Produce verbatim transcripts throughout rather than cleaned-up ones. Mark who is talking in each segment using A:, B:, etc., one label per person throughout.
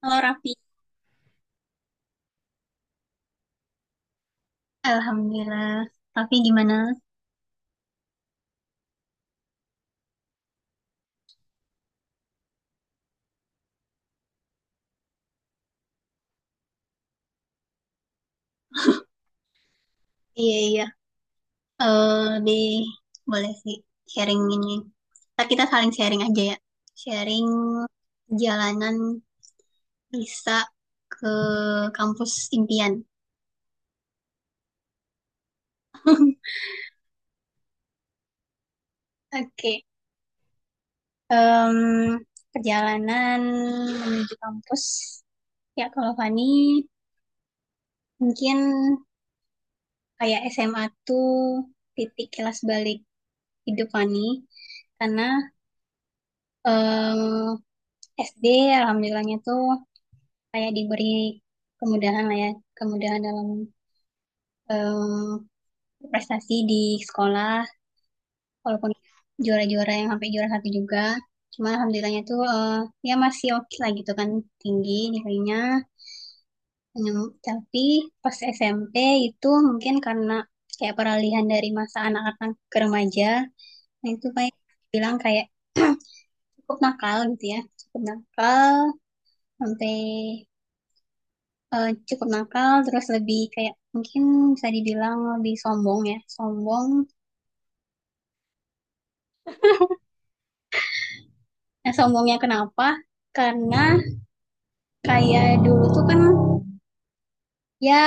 A: Halo Raffi. Alhamdulillah. Tapi gimana? Iya, iya. Eh, deh, boleh sih sharing ini. Ntar kita saling sharing aja ya. Sharing jalanan bisa ke kampus impian. Oke. Em, perjalanan menuju kampus. Ya, kalau Fani, mungkin kayak S M A tuh titik kelas balik hidup Fani. Karena eh, S D alhamdulillahnya tuh kayak diberi kemudahan lah ya, kemudahan dalam eh, prestasi di sekolah, walaupun juara-juara yang sampai juara satu juga, cuma alhamdulillahnya tuh eh, ya masih oke lah gitu kan, tinggi nilainya. Hmm, tapi pas S M P itu mungkin karena kayak peralihan dari masa anak-anak ke remaja, nah itu kayak bilang kayak cukup nakal gitu ya, cukup nakal sampai eh, cukup nakal, terus lebih kayak mungkin bisa dibilang lebih sombong ya, sombong. Nah, sombongnya kenapa? Karena kayak dulu tuh kan, ya,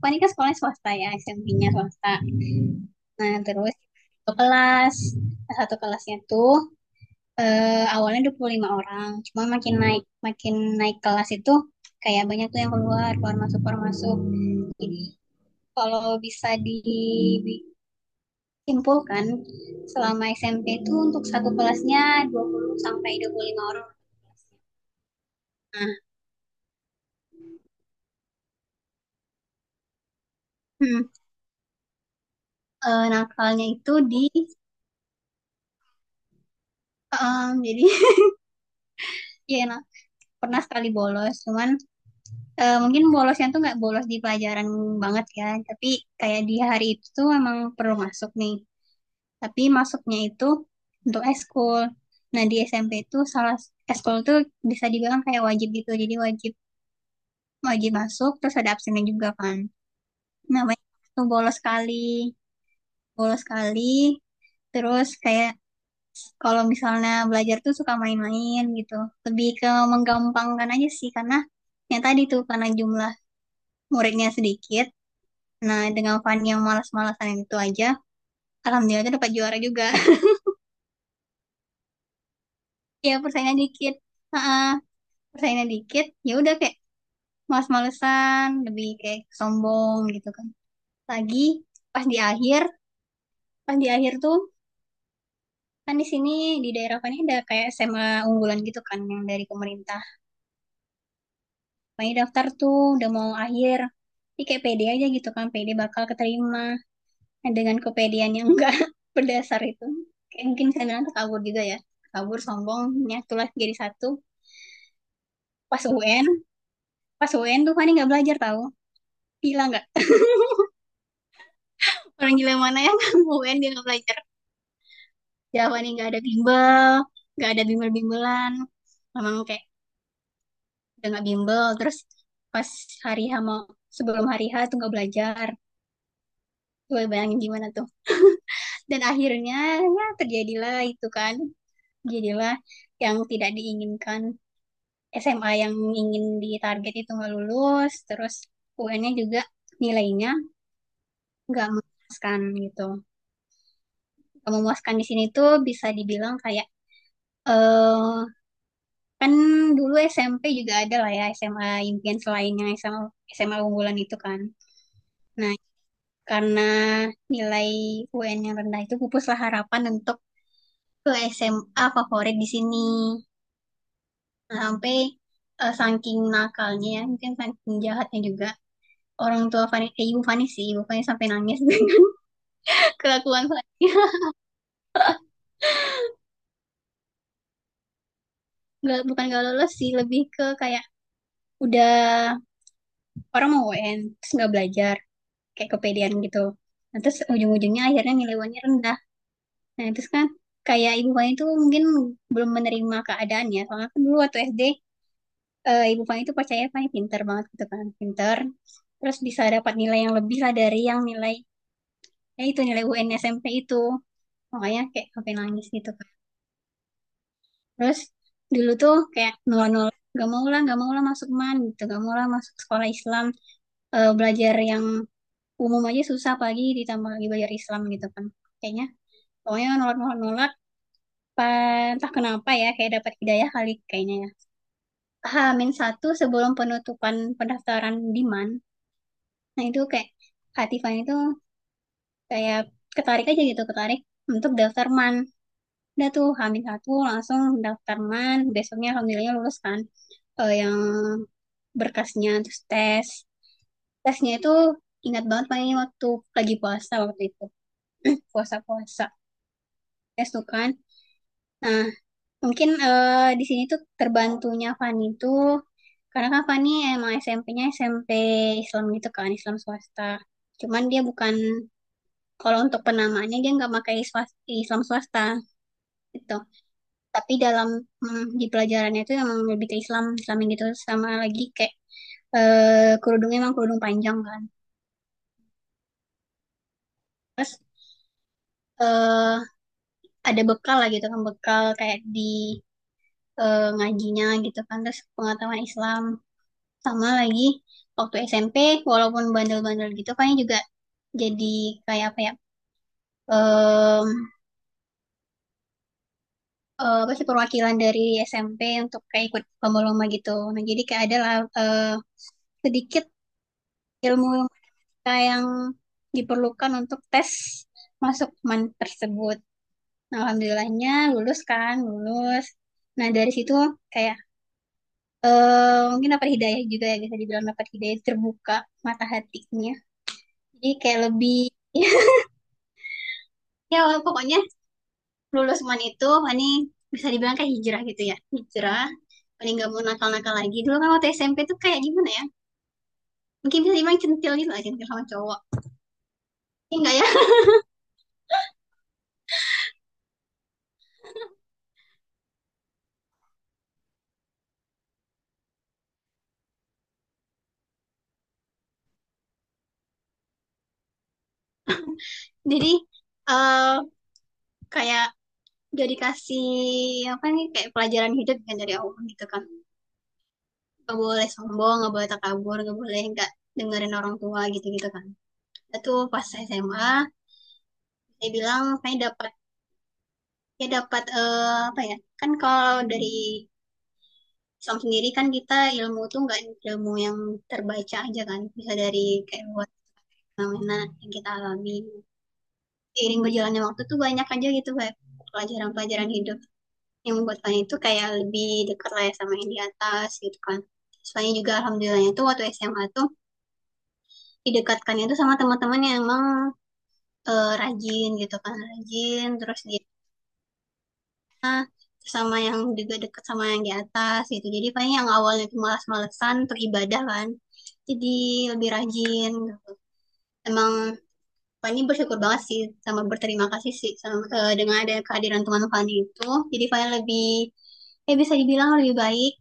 A: Fani kan sekolahnya swasta ya, S M P-nya swasta. Nah, terus satu kelas, nah, satu kelasnya tuh eh, awalnya dua puluh lima orang, cuma makin naik, makin naik kelas itu kayak banyak tuh yang keluar, keluar masuk, keluar masuk. Jadi kalau bisa di simpulkan, selama S M P itu untuk satu kelasnya dua puluh sampai dua puluh lima orang. Nah, hmm, eh, nakalnya itu di em, jadi ya nah, pernah sekali bolos, cuman eh, mungkin bolosnya tuh nggak bolos di pelajaran banget ya, tapi kayak di hari itu tuh emang perlu masuk nih. Tapi masuknya itu untuk eskul. Nah, di S M P itu salah eskul tuh bisa dibilang kayak wajib gitu. Jadi wajib wajib masuk, terus ada absennya juga kan. Nah, banyak tuh bolos sekali, bolos sekali. Terus kayak kalau misalnya belajar tuh suka main-main gitu. Lebih ke menggampangkan aja sih, karena yang tadi tuh karena jumlah muridnya sedikit. Nah, dengan Fanny yang malas-malasan itu aja, alhamdulillah tuh dapat juara juga. Ya persaingan dikit. Heeh, persaingan dikit. Ya udah kayak malas-malesan, lebih kayak sombong gitu kan. Lagi pas di akhir, pas di akhir tuh kan di sini di daerah Fanny ada kayak S M A unggulan gitu kan yang dari pemerintah. Makanya daftar tuh udah mau akhir. Tapi kayak pede aja gitu kan, pede bakal keterima. Nah, dengan kepedean yang enggak berdasar itu. Kayak mungkin saya bilang kabur juga ya. Kabur, sombongnya, tulah jadi satu. Pas U N, pas U N tuh Fani nggak belajar tahu. Gila nggak? Orang gila mana yang U N dia nggak belajar. Ya Fani nggak ada bimbel, nggak ada bimbel-bimbelan. Emang kayak udah nggak bimbel. Terus pas hari H mau, sebelum hari H tuh nggak belajar. Coba bayangin gimana tuh. Dan akhirnya ya terjadilah itu kan, jadilah yang tidak diinginkan. S M A yang ingin ditarget itu nggak lulus, terus U N-nya juga nilainya nggak memuaskan gitu. Nggak memuaskan di sini tuh bisa dibilang kayak eh kan dulu S M P juga ada lah ya SMA impian selain yang S M A S M A unggulan itu kan. Nah, karena nilai U N yang rendah itu pupuslah harapan untuk ke S M A favorit di sini, sampai eh, saking nakalnya ya, mungkin saking jahatnya juga, orang tua Fani, eh, ibu Fani sih, ibu Fani sampai nangis dengan kelakuan Fani. Nggak, bukan nggak lolos sih, lebih ke kayak udah orang mau U N terus nggak belajar, kayak kepedean gitu. Nah, terus ujung-ujungnya akhirnya nilai U N-nya rendah. Nah, terus kan kayak ibu Fani itu mungkin belum menerima keadaannya. Soalnya kan dulu waktu S D, eh, ibu Fani itu percaya Fani pintar banget gitu kan, pintar. Terus bisa dapat nilai yang lebih lah dari yang nilai, ya itu nilai U N S M P itu, makanya kayak sampai nangis gitu kan. Terus dulu tuh kayak nol nol, gak mau lah gak mau lah masuk man gitu, gak mau lah masuk sekolah Islam. Eh, belajar yang umum aja susah pagi ditambah lagi belajar Islam gitu kan, kayaknya pokoknya nolak nolak nolak. Pa- entah kenapa ya kayak dapat hidayah kali kayaknya ya. Hamin satu sebelum penutupan pendaftaran di man, nah itu kayak hati itu kayak ketarik aja gitu, ketarik untuk daftar man. Udah tuh hamil satu langsung daftar M A N besoknya alhamdulillah lulus kan. Eh, yang berkasnya, terus tes, tesnya itu ingat banget, paling waktu lagi puasa waktu itu, puasa puasa tes tuh kan. Nah mungkin eh, di sini tuh terbantunya Fani tuh karena kan Fani emang S M P-nya S M P Islam gitu kan, Islam swasta, cuman dia bukan, kalau untuk penamaannya dia nggak pakai swas- Islam swasta gitu. Tapi dalam, hmm, di pelajarannya itu emang lebih ke Islam Islamin gitu, sama lagi kayak eh, kerudungnya emang kerudung panjang kan. Terus eh, ada bekal lah gitu kan, bekal kayak di eh, ngajinya gitu kan, terus pengetahuan Islam. Sama lagi waktu S M P walaupun bandel-bandel gitu, kayaknya juga jadi kayak apa ya, em, eh, apa sih perwakilan dari S M P untuk kayak ikut lomba-lomba gitu, nah jadi kayak ada lah eh, sedikit ilmu yang diperlukan untuk tes masuk man tersebut. Nah, Alhamdulillahnya lulus kan, lulus. Nah, dari situ kayak eh, mungkin dapat hidayah juga ya, bisa dibilang dapat hidayah, terbuka mata hatinya. Jadi kayak lebih, ya pokoknya lulus man itu, ini bisa dibilang kayak hijrah gitu ya. Hijrah, paling nggak mau nakal-nakal lagi. Dulu kan waktu S M P tuh kayak gimana ya, mungkin bisa dibilang centil gitu lah, centil sama cowok. Enggak ya, jadi eh kayak udah dikasih apa nih, kayak pelajaran hidup kan dari Allah gitu kan, nggak boleh sombong, nggak boleh takabur, nggak boleh nggak dengerin orang tua gitu gitu kan. Itu pas S M A saya bilang saya dapat, ya dapat eh, apa ya, kan kalau dari Islam sendiri kan kita ilmu tuh nggak ilmu yang terbaca aja kan, bisa dari kayak buat fenomena yang kita alami seiring berjalannya waktu tuh banyak aja gitu kayak pelajaran-pelajaran hidup yang buatnya itu kayak lebih dekat lah ya sama yang di atas gitu kan. Soalnya juga alhamdulillahnya tuh waktu S M A tuh didekatkannya tuh sama teman-teman yang emang eh, rajin gitu kan, rajin, terus dia, terus sama yang juga dekat sama yang di atas gitu. Jadi paling yang awalnya tuh malas-malesan untuk ibadah kan, jadi lebih rajin. Emang Fani bersyukur banget sih, sama berterima kasih sih sama, eh, dengan ada kehadiran teman Fani itu. Jadi Fani lebih, ya bisa dibilang lebih baik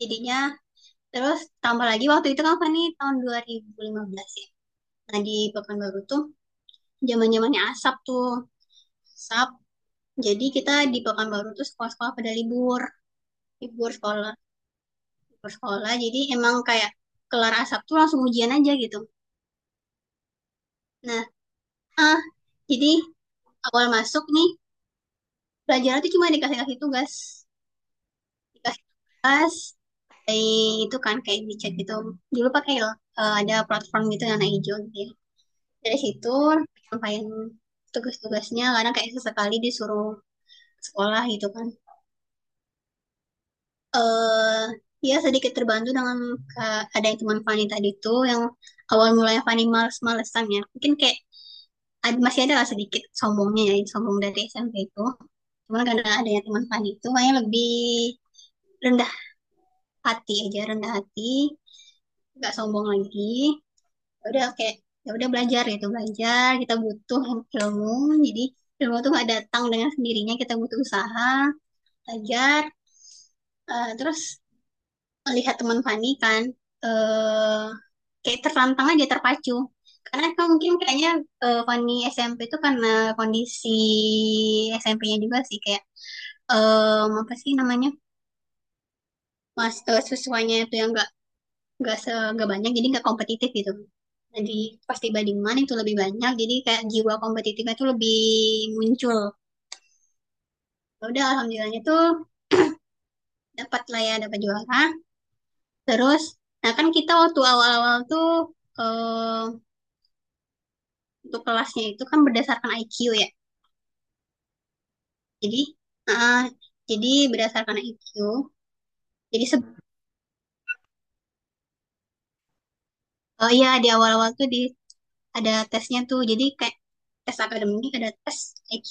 A: jadinya. Terus tambah lagi waktu itu kan Fani tahun dua ribu lima belas ya. Nah di Pekanbaru tuh zaman-zamannya asap tuh. Asap. Jadi kita di Pekanbaru tuh sekolah-sekolah pada libur, libur sekolah, libur sekolah. Jadi emang kayak kelar asap tuh langsung ujian aja gitu. Nah, ah, jadi awal masuk nih, pelajaran tuh cuma dikasih-kasih tugas, dikasih tugas, kayak itu kan kayak di chat gitu. Dulu pakai eh, ada platform gitu yang warna hijau gitu ya. Dari situ penyampaian tugas-tugasnya, karena kayak sesekali disuruh sekolah gitu kan, eh ya sedikit terbantu dengan ada teman Fani tadi tuh yang awal mulanya Fani males-malesan, ya mungkin kayak ad- masih ada lah sedikit sombongnya ya sombong dari S M P itu, cuman karena adanya teman Fani itu kayaknya lebih rendah hati aja, rendah hati, nggak sombong lagi. Ya udah kayak ya udah belajar gitu, belajar kita butuh ilmu, jadi ilmu tuh nggak datang dengan sendirinya, kita butuh usaha belajar. Eh, terus melihat teman Fani kan, eh kayak tertantang aja, terpacu, karena kan mungkin kayaknya eh, Fani S M P itu karena kondisi S M P-nya juga sih kayak eh apa sih namanya, mas eh, siswanya itu yang gak nggak se nggak banyak, jadi nggak kompetitif gitu. Jadi pas tiba di mana itu lebih banyak, jadi kayak jiwa kompetitifnya tuh lebih muncul. Ya udah alhamdulillahnya tuh dapat lah ya dapat juara, terus nah kan kita waktu awal-awal tuh eh, untuk kelasnya itu kan berdasarkan I Q ya, jadi eh, jadi berdasarkan I Q, jadi se- oh iya di awal-awal tuh di ada tesnya tuh, jadi kayak tes akademik, ada tes I Q.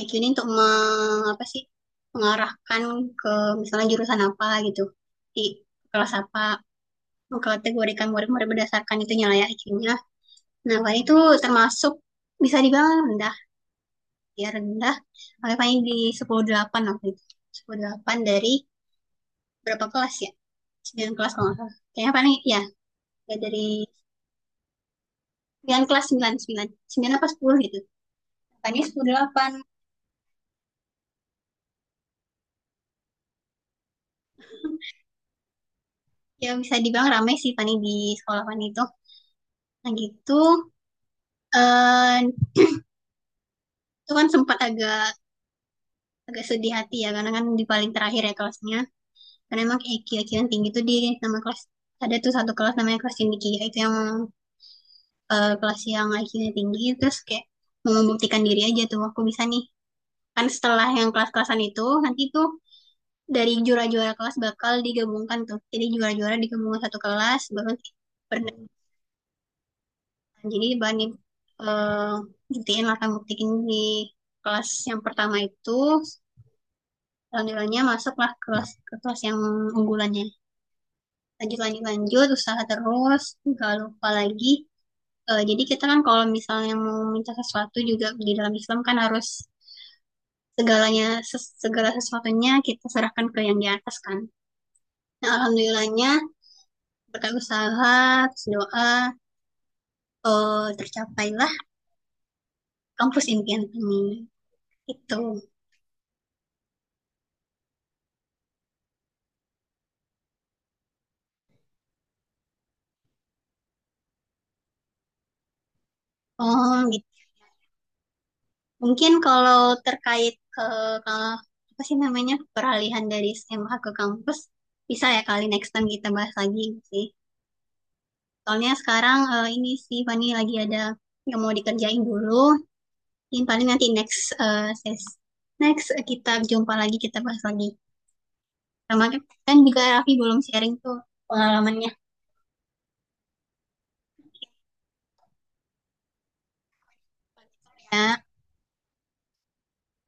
A: I Q ini untuk me- apa sih mengarahkan ke misalnya jurusan apa gitu, di kelas apa, mengkategorikan murid-murid berdasarkan itunya lah ya, I Q-nya. Nah paling itu termasuk bisa dibilang rendah, ya rendah, paling paling di sepuluh koma delapan waktu itu, sepuluh koma delapan dari berapa kelas ya, sembilan kelas kalau nggak salah kayaknya, paling ya ya dari sembilan kelas, sembilan sembilan sembilan apa sepuluh gitu tadi, sepuluh koma delapan. Ya bisa dibilang ramai sih Fani di sekolah Fani itu. Nah gitu, eh itu kan sempat agak agak sedih hati ya, karena kan di paling terakhir ya kelasnya. Karena emang I Q I Q yang tinggi itu di nama kelas, ada tuh satu kelas namanya kelas cendekia itu yang eh, kelas yang I Q-nya tinggi, terus kayak mau membuktikan diri aja tuh aku bisa nih. Kan setelah yang kelas-kelasan itu nanti tuh dari juara-juara kelas bakal digabungkan tuh. Jadi juara-juara digabungkan satu kelas baru ber- jadi bani, eh, buktiin lah kan, buktiin di kelas yang pertama itu alhamdulillahnya masuklah kelas ke kelas yang unggulannya. Lanjut lanjut lanjut usaha terus, nggak lupa lagi. Eh, jadi kita kan kalau misalnya mau minta sesuatu juga di dalam Islam kan harus segalanya ses- segala sesuatunya kita serahkan ke yang di atas kan. Nah, alhamdulillahnya berkat usaha, terus doa, eh, tercapailah kampus impian kami. Itu. Oh, mungkin kalau terkait ke, ke apa sih namanya peralihan dari S M A ke kampus, bisa ya kali next time kita bahas lagi gitu sih. Soalnya sekarang eh, ini sih Fani lagi ada yang mau dikerjain dulu. Mungkin paling nanti next eh, ses next eh, kita jumpa lagi kita bahas lagi. Sama kan juga Raffi belum sharing tuh pengalamannya ya.